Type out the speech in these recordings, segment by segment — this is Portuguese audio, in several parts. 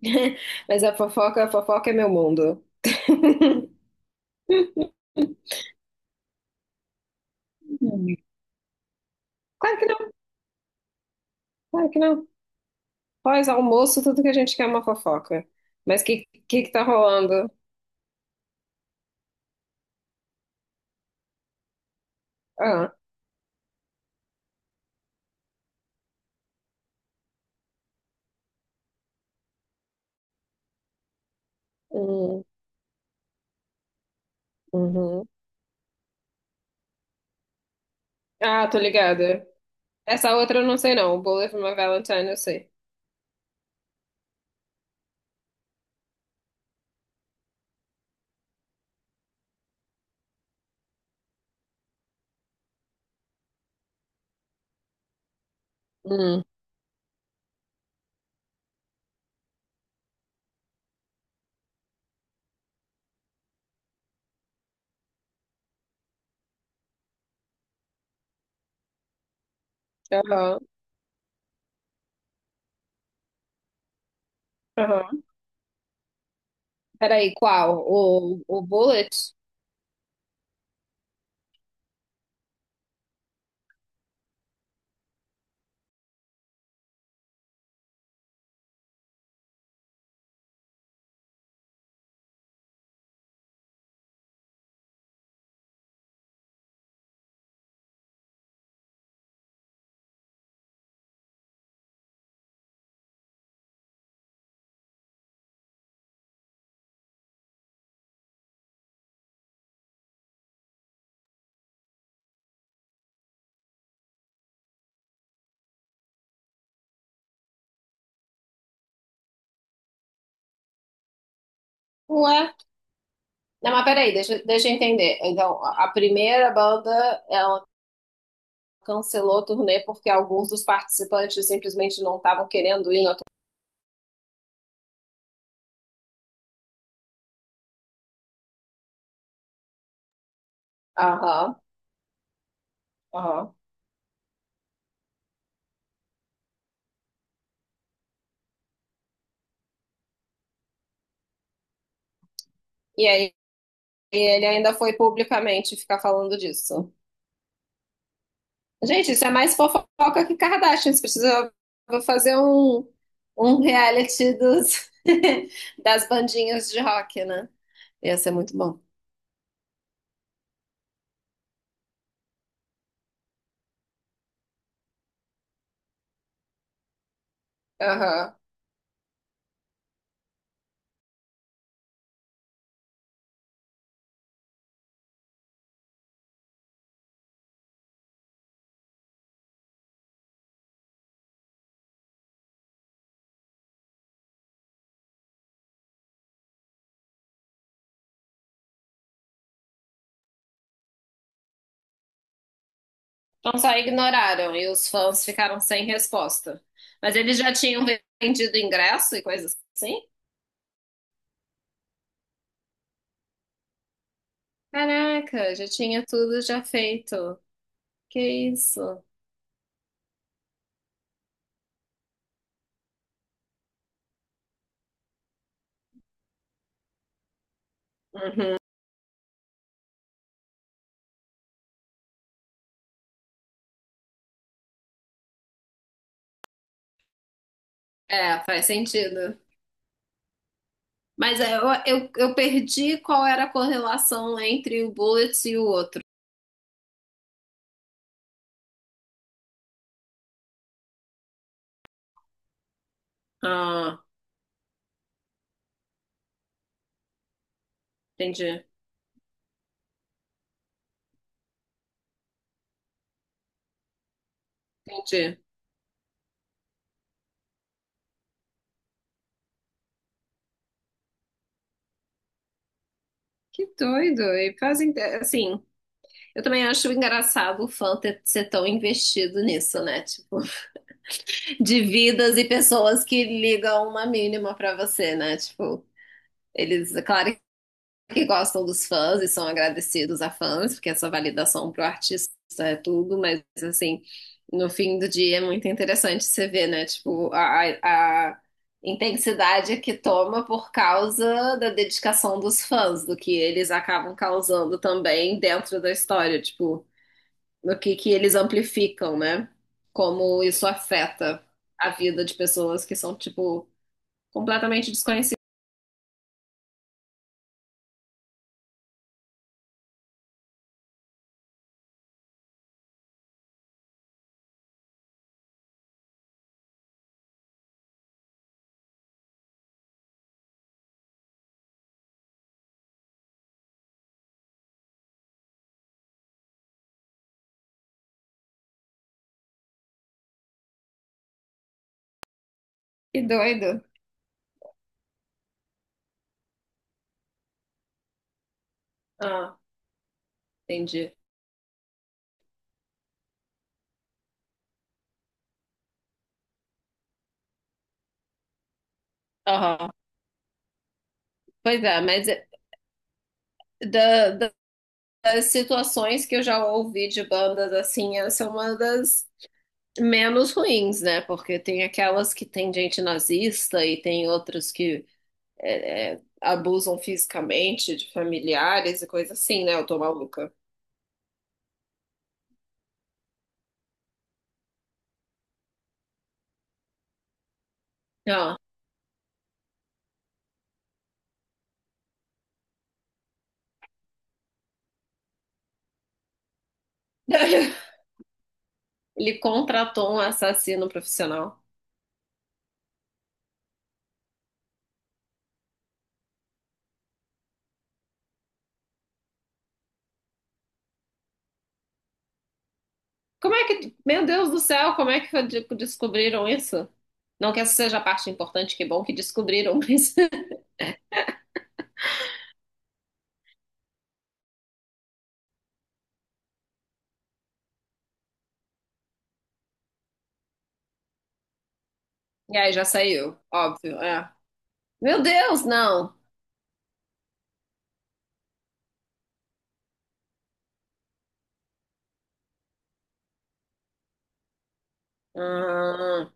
Mas a fofoca é meu mundo. Hum. Claro que não, claro que não. Pós-almoço, tudo que a gente quer é uma fofoca. Mas que tá rolando? Ah, hum, uhum. Ah, tô ligada. Essa outra eu não sei não. O Bullet for My Valentine eu sei. Hum, aham, aham. Peraí, qual? O Bullet? Ué? Não, mas peraí, deixa eu entender. Então, a primeira banda, ela cancelou o turnê porque alguns dos participantes simplesmente não estavam querendo ir na. Aham, aham. E aí ele ainda foi publicamente ficar falando disso. Gente, isso é mais fofoca que Kardashian. Você precisa fazer um reality dos, das bandinhas de rock, né? Ia ser muito bom. Aham. Então só ignoraram e os fãs ficaram sem resposta. Mas eles já tinham vendido ingresso e coisas assim? Caraca, já tinha tudo já feito. Que isso? É, faz sentido. Mas é, eu perdi qual era a correlação entre o Bullets e o outro. Ah, entendi, entendi. Que doido. E fazem, assim, eu também acho engraçado o fã ter, ser tão investido nisso, né? Tipo, de vidas e pessoas que ligam uma mínima pra você, né? Tipo, eles, claro que gostam dos fãs e são agradecidos a fãs, porque essa validação pro artista é tudo, mas assim, no fim do dia é muito interessante você ver, né? Tipo, a a intensidade que toma por causa da dedicação dos fãs, do que eles acabam causando também dentro da história, tipo, do que eles amplificam, né? Como isso afeta a vida de pessoas que são, tipo, completamente desconhecidas. Que doido. Ah, entendi. Aham. Pois é, mas é- da- da- das situações que eu já ouvi de bandas assim, essa é uma das menos ruins, né? Porque tem aquelas que tem gente nazista e tem outras que abusam fisicamente de familiares e coisa assim, né? Eu tô maluca. Ó. Ele contratou um assassino profissional. Como é que, meu Deus do céu, como é que descobriram isso? Não que essa seja a parte importante, que bom que descobriram, mas. E aí já saiu, óbvio, é. Meu Deus, não. Ah,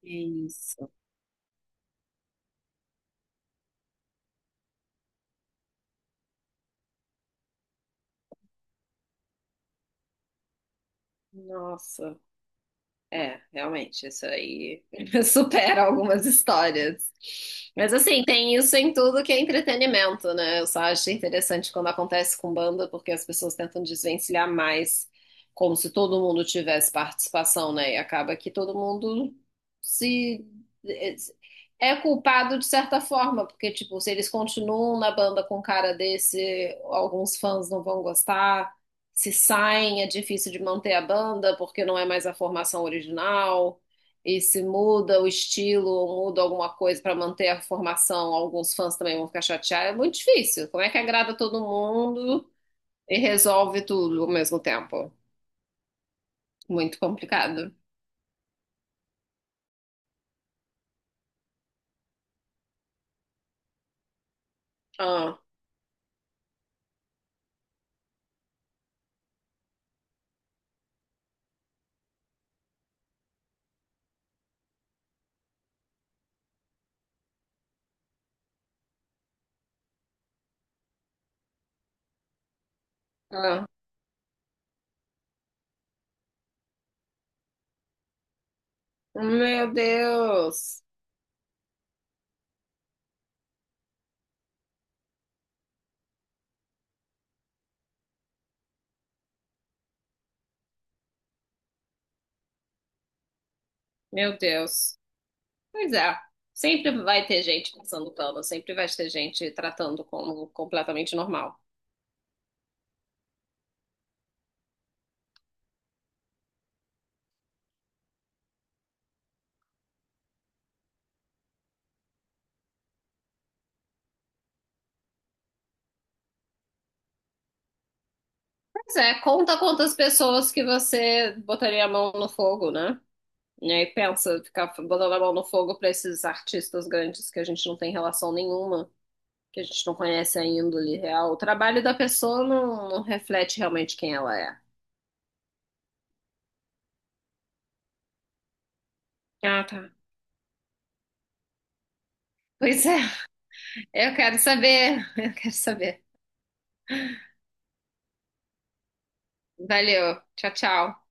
que isso. Nossa. É, realmente, isso aí supera algumas histórias. Mas assim, tem isso em tudo que é entretenimento, né? Eu só acho interessante quando acontece com banda, porque as pessoas tentam desvencilhar mais, como se todo mundo tivesse participação, né? E acaba que todo mundo se é culpado de certa forma, porque tipo, se eles continuam na banda com um cara desse, alguns fãs não vão gostar se saem, é difícil de manter a banda porque não é mais a formação original. E se muda o estilo ou muda alguma coisa para manter a formação, alguns fãs também vão ficar chateados. É muito difícil. Como é que agrada todo mundo e resolve tudo ao mesmo tempo? Muito complicado. Ah, ah. Meu Deus. Meu Deus. Pois é. Sempre vai ter gente passando pano, sempre vai ter gente tratando como completamente normal. Pois é, conta quantas pessoas que você botaria a mão no fogo, né? E aí pensa, ficar botando a mão no fogo pra esses artistas grandes que a gente não tem relação nenhuma, que a gente não conhece a índole real. O trabalho da pessoa não, não reflete realmente quem ela é. Ah, tá. Pois é, eu quero saber, eu quero saber. Valeu, tchau, tchau.